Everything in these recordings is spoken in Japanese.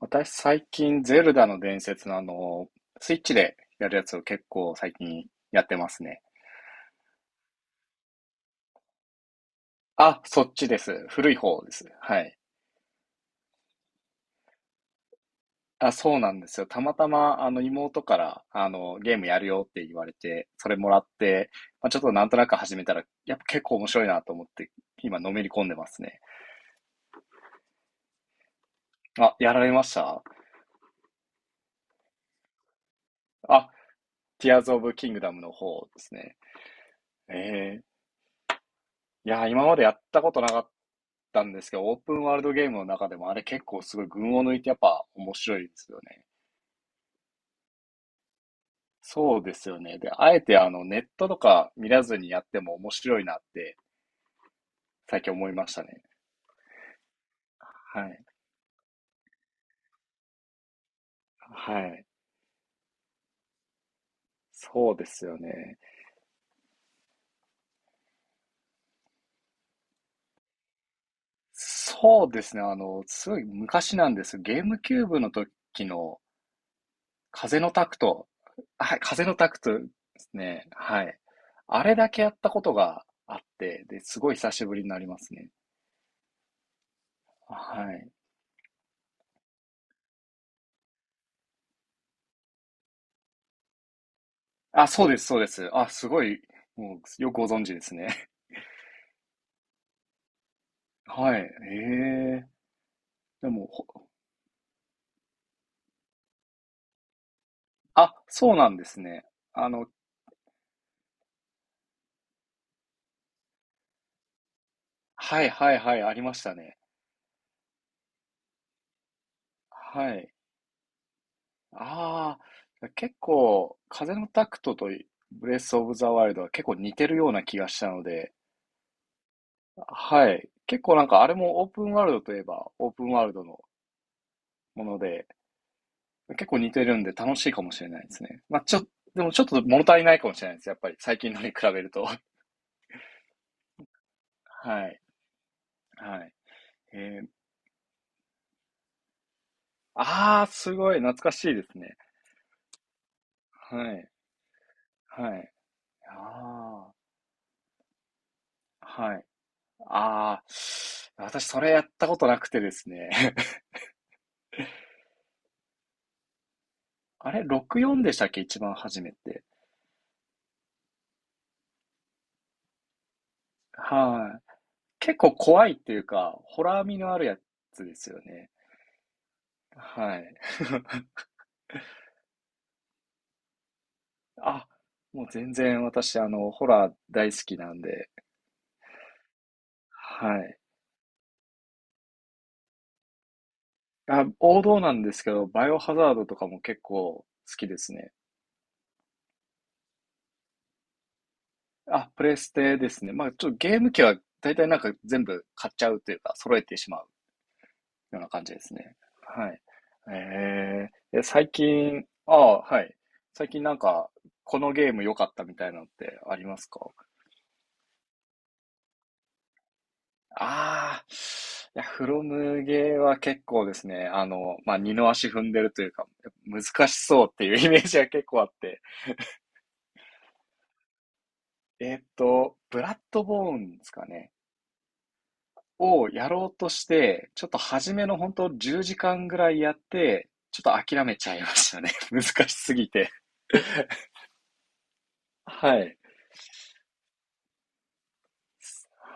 私最近ゼルダの伝説のスイッチでやるやつを結構最近やってますね。あ、そっちです。古い方です。はい。あ、そうなんですよ。たまたまあの妹からあのゲームやるよって言われて、それもらって、まあ、ちょっとなんとなく始めたら、やっぱ結構面白いなと思って、今のめり込んでますね。あ、やられました。あ、ティアーズ・オブ・キングダムの方ですね。ええ。いやー、今までやったことなかったんですけど、オープンワールドゲームの中でもあれ結構すごい群を抜いてやっぱ面白いですよね。そうですよね。で、あえてあのネットとか見らずにやっても面白いなって最近思いましたね。はい。はい。そうですよね。そうですね。すごい昔なんです。ゲームキューブの時の風のタクト。はい、風のタクトですね。はい。あれだけやったことがあって、で、すごい久しぶりになりますね。はい。あ、そうです、そうです。あ、すごい、もう、よくご存知ですね。はい。ええ。でも、あ、そうなんですね。あの、はいはいはい、ありましたね。はい。ああ、結構、風のタクトとブレス・オブ・ザ・ワイルドは結構似てるような気がしたので、はい。結構なんかあれもオープンワールドといえばオープンワールドのもので、結構似てるんで楽しいかもしれないですね。まあ、でもちょっと物足りないかもしれないです。やっぱり最近のに比べると。はい、はい。えーああ、すごい懐かしいですね。はい、はい。ああ、はい。ああ、私それやったことなくてですね。あれ、64でしたっけ、一番初めて。はい。結構怖いっていうか、ホラー味のあるやつですよね。はい。あ、もう全然私、ホラー大好きなんで、はい。あ、王道なんですけど、バイオハザードとかも結構好きですね。あ、プレステですね。まあ、ちょっとゲーム機は大体なんか全部買っちゃうというか、揃えてしまうような感じですね。はい。最近、ああ、はい。最近なんか、このゲーム良かったみたいなのってありますか？ああ、いや、フロムゲーは結構ですね、まあ、二の足踏んでるというか、難しそうっていうイメージが結構あって。ブラッドボーンですかね。をやろうとして、ちょっと初めの本当10時間ぐらいやって、ちょっと諦めちゃいましたね。難しすぎて。はい。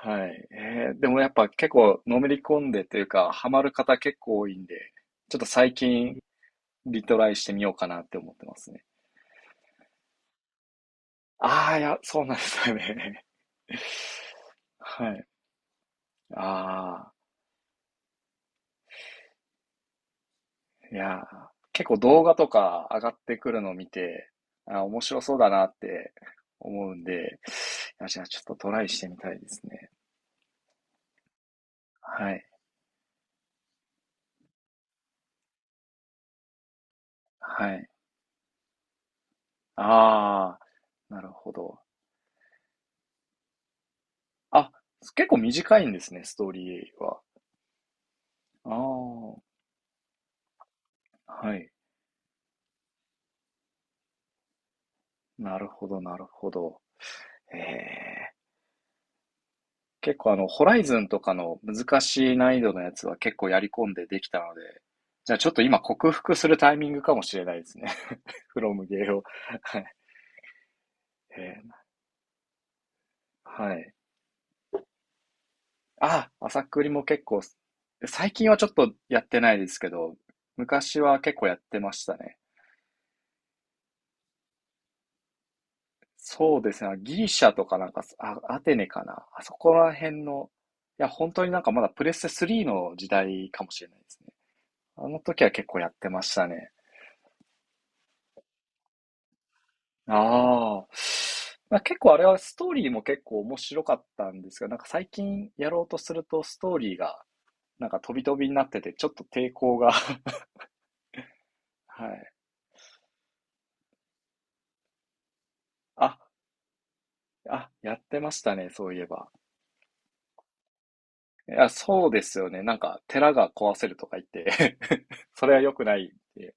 はい。でもやっぱ結構のめり込んでというか、ハマる方結構多いんで、ちょっと最近リトライしてみようかなって思ってますね。ああ、いや、そうなんですよね。はい。ああ、いやー、結構動画とか上がってくるのを見て、あー、面白そうだなって思うんで、いや、じゃあちょっとトライしてみたいですね。はい、はい。ああ、なるほど。あ、結構短いんですね、ストーリーは。ああ、はい。なるほど、なるほど。ええ。結構ホライズンとかの難しい難易度のやつは結構やり込んでできたので、じゃあちょっと今克服するタイミングかもしれないですね。フロムゲーを。はい。ええ、はい。あ、朝栗も結構、最近はちょっとやってないですけど、昔は結構やってましたね。そうですね。ギリシャとかなんか、あ、アテネかな。あそこら辺の、いや、本当になんかまだプレステ3の時代かもしれないですね。あの時は結構やってましたね。ああ。まあ、結構あれはストーリーも結構面白かったんですが、なんか最近やろうとするとストーリーがなんか飛び飛びになってて、ちょっと抵抗が はい。あ、あ、やってましたね、そういえば。いや、そうですよね。なんか寺が壊せるとか言って それは良くないって。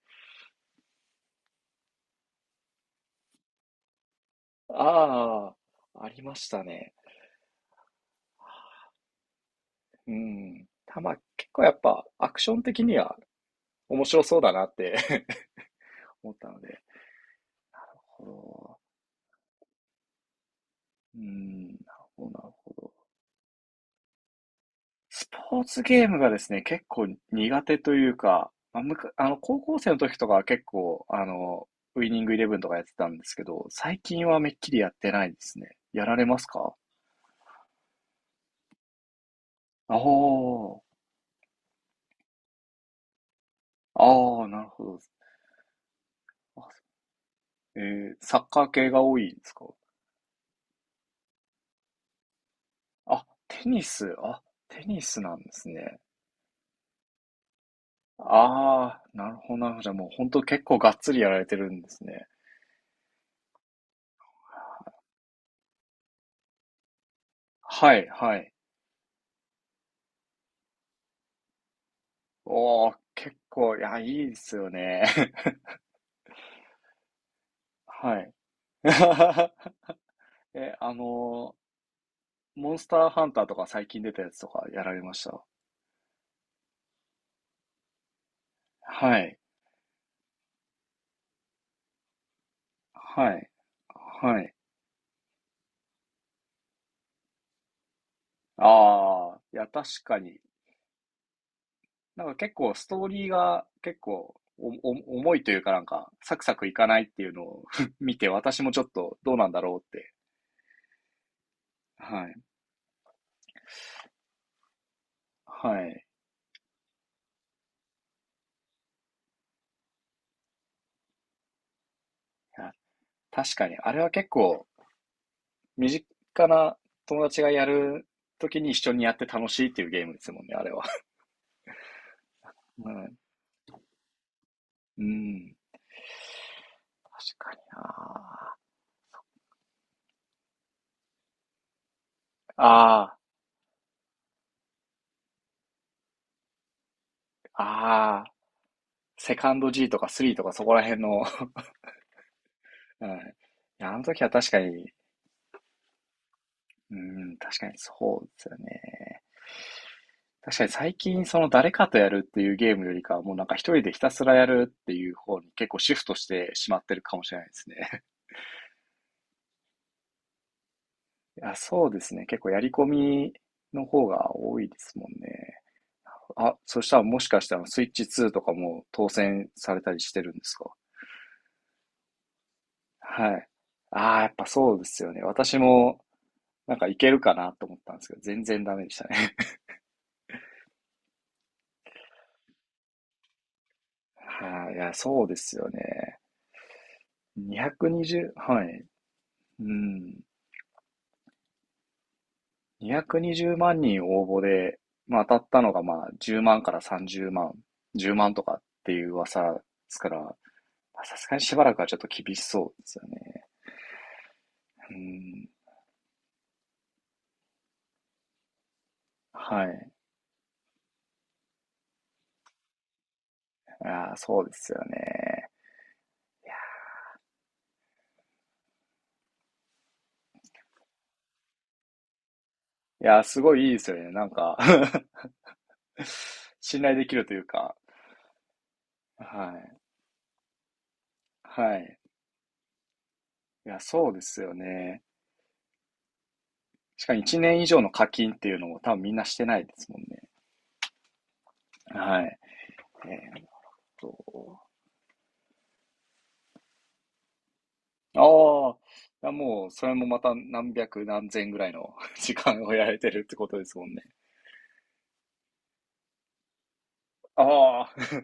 ああ、ありましたね。うん。結構やっぱアクション的には面白そうだなって 思ったので。なるほど。うん、なるほど、なるほど。スポーツゲームがですね、結構苦手というか、まあ、高校生の時とかは結構、ウイニングイレブンとかやってたんですけど、最近はめっきりやってないですね。やられますか？ああ、ああ、なるほど。あ、サッカー系が多いんですか？あ、テニス。あ、テニスなんですね。ああ、なるほど、なるほど。じゃあもう本当結構がっつりやられてるんですね。はいはい。おー、結構、いや、いいですよね。はい。え、あのー、モンスターハンターとか最近出たやつとかやられました？はい。はい。はい。ああ、いや、確かに。なんか結構ストーリーが結構重いというかなんかサクサクいかないっていうのを 見て私もちょっとどうなんだろうって。はい。はい。いや、確かにあれは結構身近な友達がやるときに一緒にやって楽しいっていうゲームですもんね、あれは。うん。うん。確かにな。ああ、ああ、セカンド G とか3とかそこら辺の。うん。いや、あの時は確かに、うん、確かにそうですよね。確かに最近その誰かとやるっていうゲームよりかは、もうなんか一人でひたすらやるっていう方に結構シフトしてしまってるかもしれないですね。いや、そうですね。結構やり込みの方が多いですもんね。あ、そしたらもしかしたらスイッチ2とかも当選されたりしてるんですか？はい。ああ、やっぱそうですよね。私もなんかいけるかなと思ったんですけど、全然ダメでしたね。はい、いや、そうですよね。220、はい。うん。220万人応募で、まあ、当たったのがまあ10万から30万、10万とかっていう噂ですから、さすがにしばらくはちょっと厳しそうですよね。うん。はい。ああ、そうですよね。いやー、すごいいいですよね。なんか 信頼できるというか。はい。はい。いや、そうですよね。しかも1年以上の課金っていうのも多分みんなしてないですもんね。はい。えーっと、ああ、いやもう、それもまた何百何千ぐらいの 時間をやられてるってことですもんね。ああ、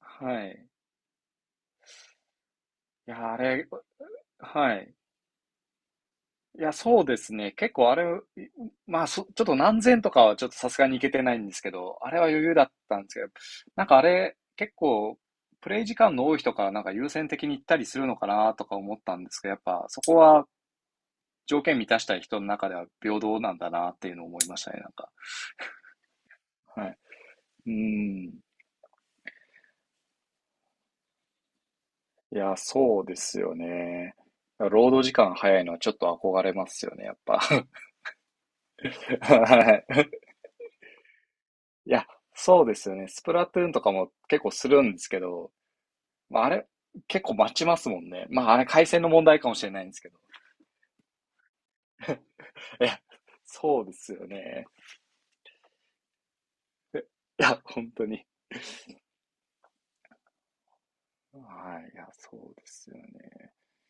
はい。いや、あれ、はい。いや、そうですね。結構あれ、まあ、ちょっと何千とかはちょっとさすがにいけてないんですけど、あれは余裕だったんですけど、なんかあれ、結構、プレイ時間の多い人からなんか優先的に行ったりするのかなとか思ったんですけど、やっぱそこは条件満たしたい人の中では平等なんだなっていうのを思いましたね、なんか。はい。うん。いや、そうですよね。労働時間早いのはちょっと憧れますよね、やっぱ。はい。いや、そうですよね。スプラトゥーンとかも結構するんですけど、まあ、あれ、結構待ちますもんね。まあ、あれ、回線の問題かもしれないんですけど。いや、そうですよね。いや、本当に。はい。いや、そうですよね。